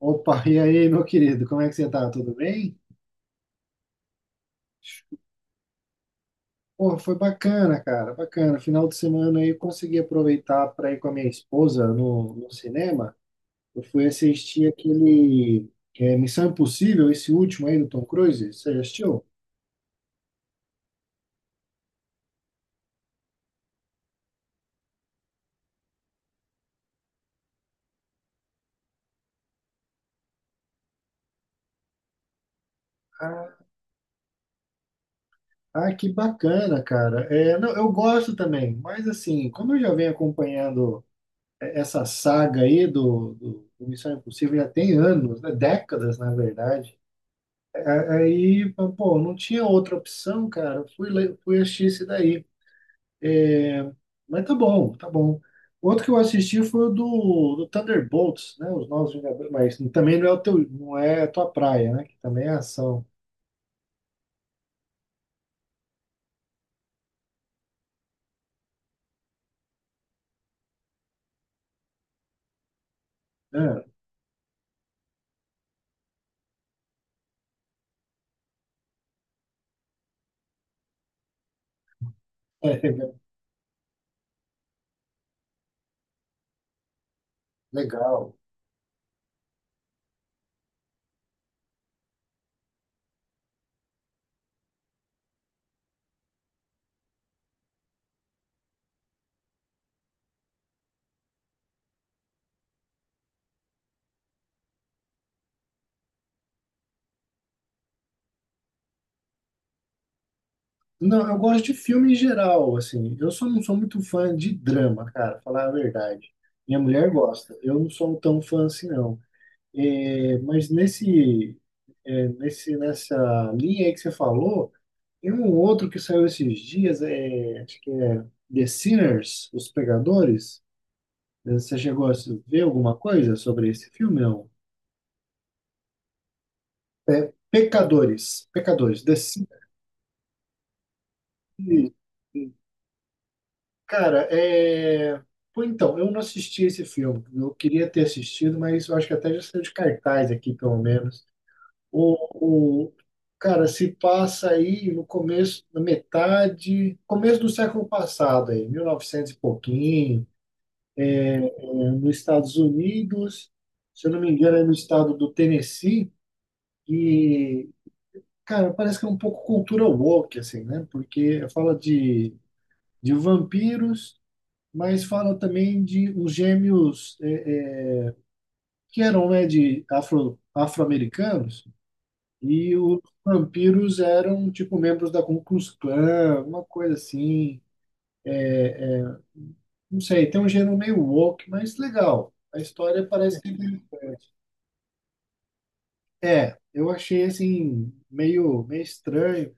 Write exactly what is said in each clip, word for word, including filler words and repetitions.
Opa, e aí, meu querido, como é que você tá? Tudo bem? Pô, foi bacana, cara, bacana. Final de semana aí eu consegui aproveitar para ir com a minha esposa no, no cinema. Eu fui assistir aquele é, Missão Impossível, esse último aí do Tom Cruise. Você já assistiu? Ah, ah, que bacana, cara. É, não, eu gosto também, mas assim, como eu já venho acompanhando é, essa saga aí do, do, do Missão Impossível já tem anos, né? Décadas, na verdade. A- Aí, pô, não tinha outra opção, cara. Fui, le- fui assistir esse daí. É, mas tá bom, tá bom. Outro que eu assisti foi o do, do Thunderbolts, né? Os Novos Vingadores, mas também não é o teu, não é a tua praia, né? Que também é ação. É, é legal. Não, eu gosto de filme em geral, assim. Eu só não sou muito fã de drama, cara, falar a verdade. Minha mulher gosta. Eu não sou tão fã assim, não. É, mas nesse, é, nesse, nessa linha aí que você falou, tem um outro que saiu esses dias, é, acho que é The Sinners, Os Pecadores. Você chegou a ver alguma coisa sobre esse filme? Não. Pecadores, Pecadores, The Sinners. Cara, é... pô, então, eu não assisti esse filme. Eu queria ter assistido, mas eu acho que até já saiu de cartaz aqui, pelo menos. O, o- cara, se passa aí no começo, na metade, começo do século passado aí, mil novecentos e novecentos e pouquinho, né, nos Estados Unidos, se eu não me engano, é no estado do Tennessee, e, cara, parece que é um pouco cultura woke, assim, né? Porque fala de, de vampiros, mas fala também de uns gêmeos eh, eh, que eram, né, de afro, afro-americanos, e os vampiros eram, tipo, membros da Ku Klux Klan, uma coisa assim. Não sei, tem um gênero meio woke, mas legal. A história parece que é interessante. É, eu achei, assim, meio, meio estranho,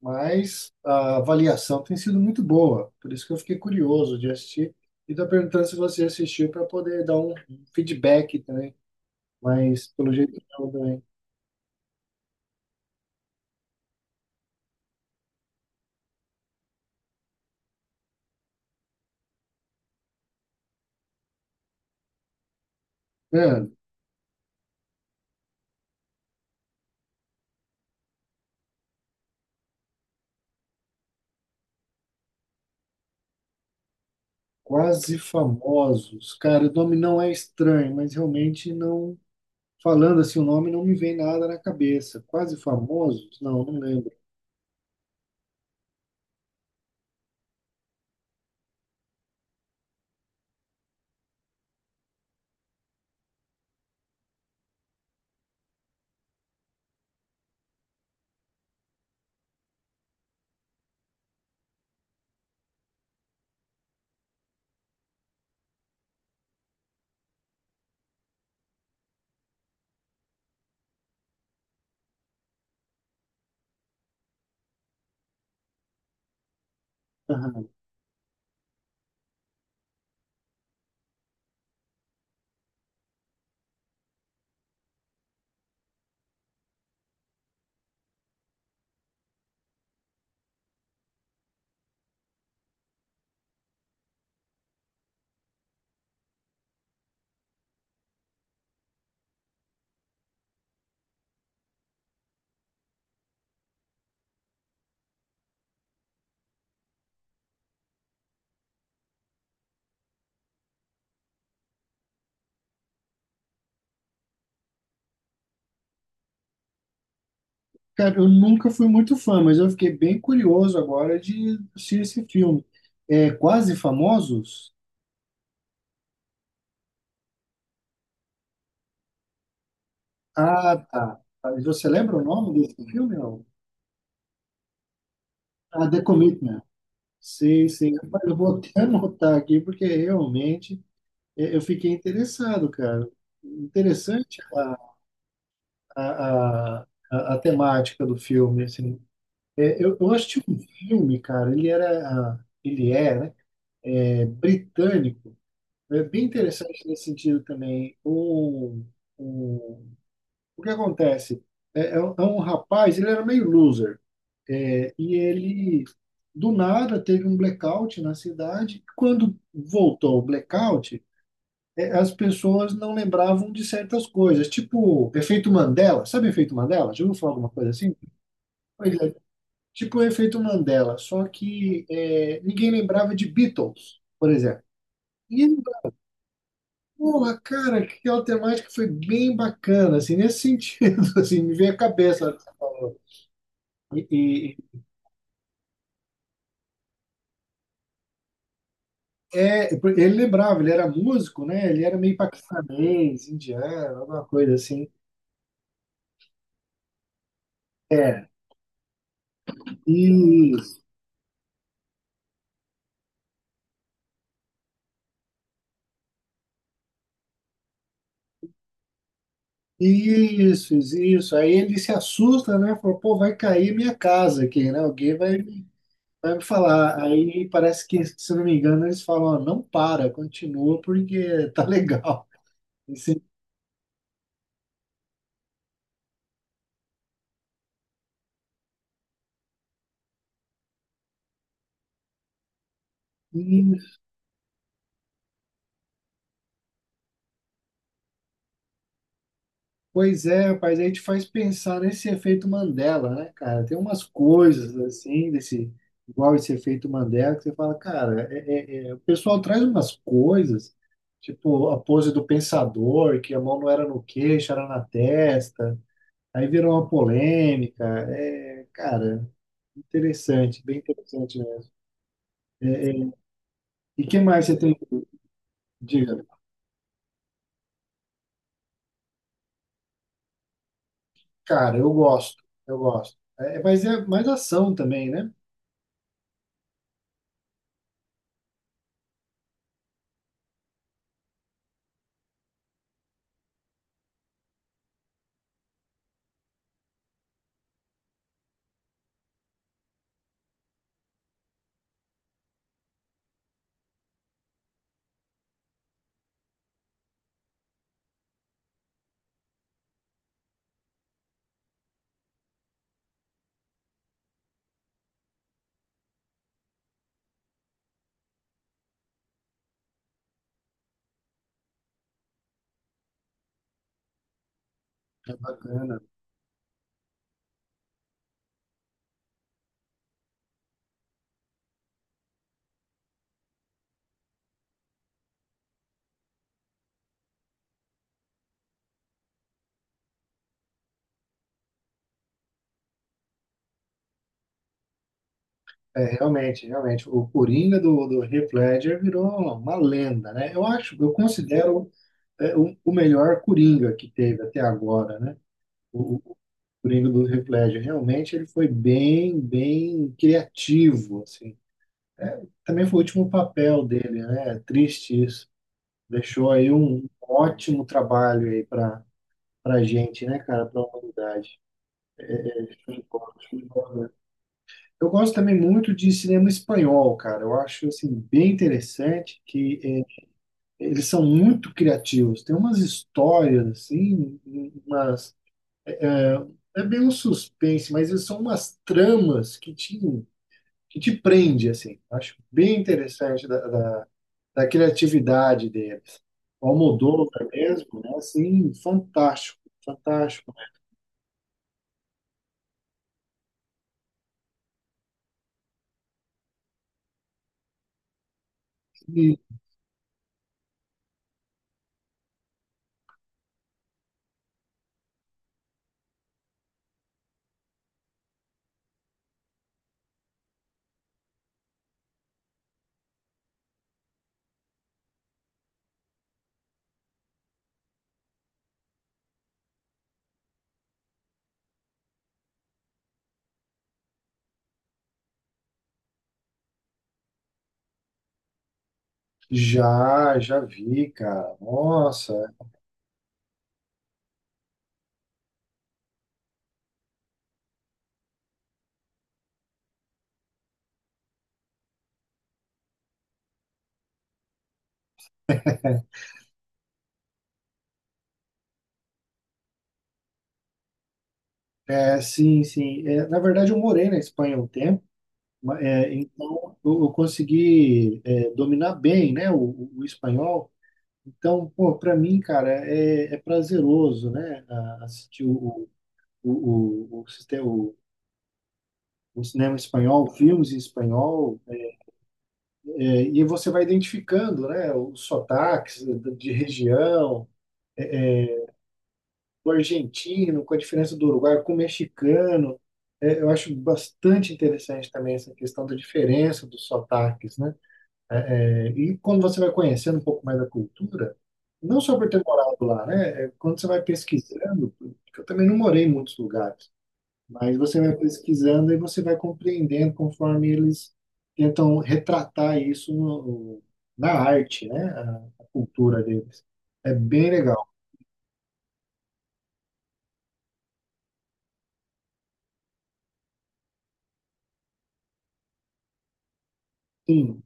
mas a avaliação tem sido muito boa. Por isso que eu fiquei curioso de assistir. E estou perguntando se você assistiu para poder dar um feedback também. Mas, pelo jeito, não também. Mano, quase famosos. Cara, o nome não é estranho, mas realmente não. Falando assim, o nome não me vem nada na cabeça. Quase famosos? Não, não lembro. Aham. Cara, eu nunca fui muito fã, mas eu fiquei bem curioso agora de assistir esse filme. É Quase Famosos? Ah, tá. Você lembra o nome desse filme? Não? Ah, The Commitment. Sim, sim. Rapaz, eu vou até anotar aqui, porque realmente é, eu fiquei interessado, cara. Interessante a, a, a, a a temática do filme, assim. É, eu, eu assisti um filme, cara, ele era, ele é, né, é britânico, é bem interessante nesse sentido também. O, o, o que acontece? É, é um, é um rapaz, ele era meio loser, é, e ele, do nada, teve um blackout na cidade. Quando voltou o blackout, é, as pessoas não lembravam de certas coisas, tipo efeito Mandela. Sabe efeito Mandela? Já ouviu falar alguma coisa assim? Pois é, tipo o efeito Mandela, só que é, ninguém lembrava de Beatles, por exemplo. E, porra, cara, aquela temática foi bem bacana, assim, nesse sentido, assim, me veio a cabeça. Ela falou. E, e- é, ele lembrava, ele era músico, né? Ele era meio paquistanês, indiano, alguma coisa assim. É, isso, isso, isso. Aí ele se assusta, né? Falou, pô, vai cair minha casa aqui, né? Alguém vai. Vai me falar. Aí parece que, se eu não me engano, eles falam, ó, não para, continua porque tá legal. Esse- Hum, Pois é, rapaz, aí te faz pensar nesse efeito Mandela, né, cara? Tem umas coisas assim, desse, igual esse efeito Mandela, que você fala, cara, é- é- é, o pessoal traz umas coisas, tipo a pose do pensador, que a mão não era no queixo, era na testa, aí virou uma polêmica. É, cara, interessante, bem interessante, né? E que mais você tem? Diga. Cara, eu gosto, eu gosto. É, mas é mais ação também, né? É bacana. É, realmente, realmente. O Coringa do, do Heath Ledger virou uma lenda, né? Eu acho, eu considero é, o, o melhor Coringa que teve até agora, né? O, o Coringa do Heath Ledger. Realmente ele foi bem, bem criativo, assim. É, também foi o último papel dele, né? É triste isso. Deixou aí um ótimo trabalho aí para pra gente, né, cara, pra humanidade. Eu gosto também muito de cinema espanhol, cara. Eu acho assim bem interessante que eh, eles são muito criativos. Tem umas histórias assim, umas é é bem um suspense, mas são umas tramas que te, que te prende, assim. Acho bem interessante da, da, da criatividade deles. O Almodóvar mesmo, né? Assim, fantástico, fantástico. Já, já vi, cara. Nossa. É, sim, sim. É, na verdade, eu morei na Espanha um tempo, ma- é, então eu, eu consegui é, dominar bem, né, o, o- o espanhol. Então, pô, para mim, cara, é, é prazeroso, né, a- assistir o, o, o, o, sistema- o- o cinema espanhol, filmes em espanhol. É, e você vai identificando, né, os sotaques de região, com o argentino, com a diferença do Uruguai, com o mexicano. É, eu acho bastante interessante também essa questão da diferença dos sotaques, né? É, é, e quando você vai conhecendo um pouco mais da cultura, não só por ter morado lá, né? É, quando você vai pesquisando, porque eu também não morei em muitos lugares, mas você vai pesquisando e você vai compreendendo conforme eles tentam retratar isso no- na arte, né? A, a cultura deles. É bem legal. Sim.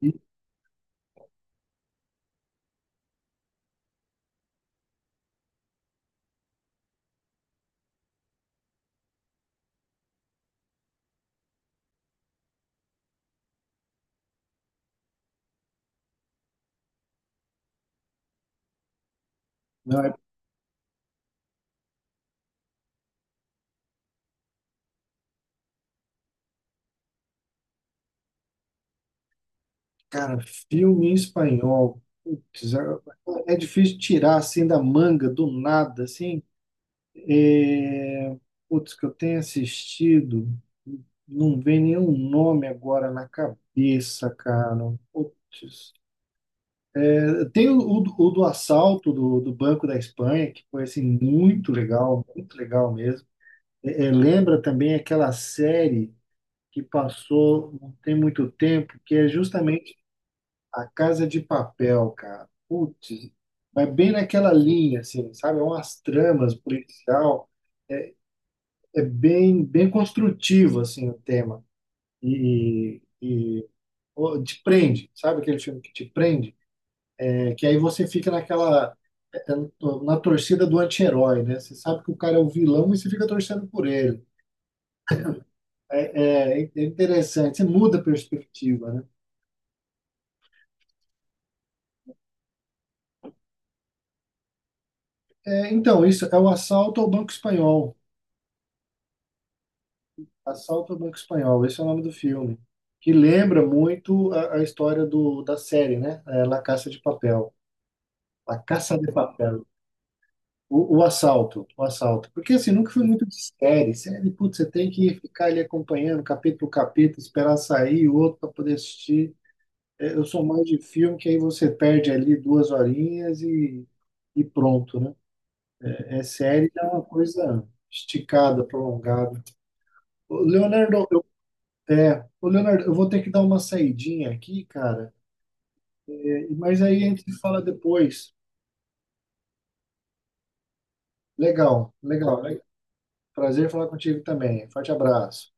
E- não, é Cara, filme em espanhol. Putz, é é difícil tirar assim da manga, do nada, assim. É... Putz, que eu tenho assistido, não vem nenhum nome agora na cabeça, cara. Putz. É, tem o, o do o do assalto do, do Banco da Espanha, que foi assim, muito legal, muito legal mesmo. É, é, lembra também aquela série que passou não tem muito tempo, que é justamente A Casa de Papel, cara. Putz, vai bem naquela linha, assim, sabe? É umas tramas policial. É bem, bem construtivo, assim, o tema. E, e pô, te prende, sabe aquele filme que te prende? É que aí você fica naquela, é, na torcida do anti-herói, né? Você sabe que o cara é o vilão e você fica torcendo por ele. É, é, é interessante, você muda a perspectiva, né? É, então, isso é o assalto ao Banco Espanhol. Assalto ao Banco Espanhol, esse é o nome do filme. Que lembra muito a, a história do, da série, né? É, La Casa de Papel. La Casa de Papel. O, o assalto, o assalto. Porque assim, nunca foi muito de série. Série, putz, você tem que ficar ali acompanhando capítulo por capítulo, esperar sair o outro para poder assistir. É, eu sou mais de filme, que aí você perde ali duas horinhas e, e pronto, né? É série, é uma coisa esticada, prolongada. Ô, Leonardo. É, ô Leonardo, eu vou ter que dar uma saidinha aqui, cara, é, mas aí a gente se fala depois. Legal, legal. Prazer falar contigo também. Forte abraço.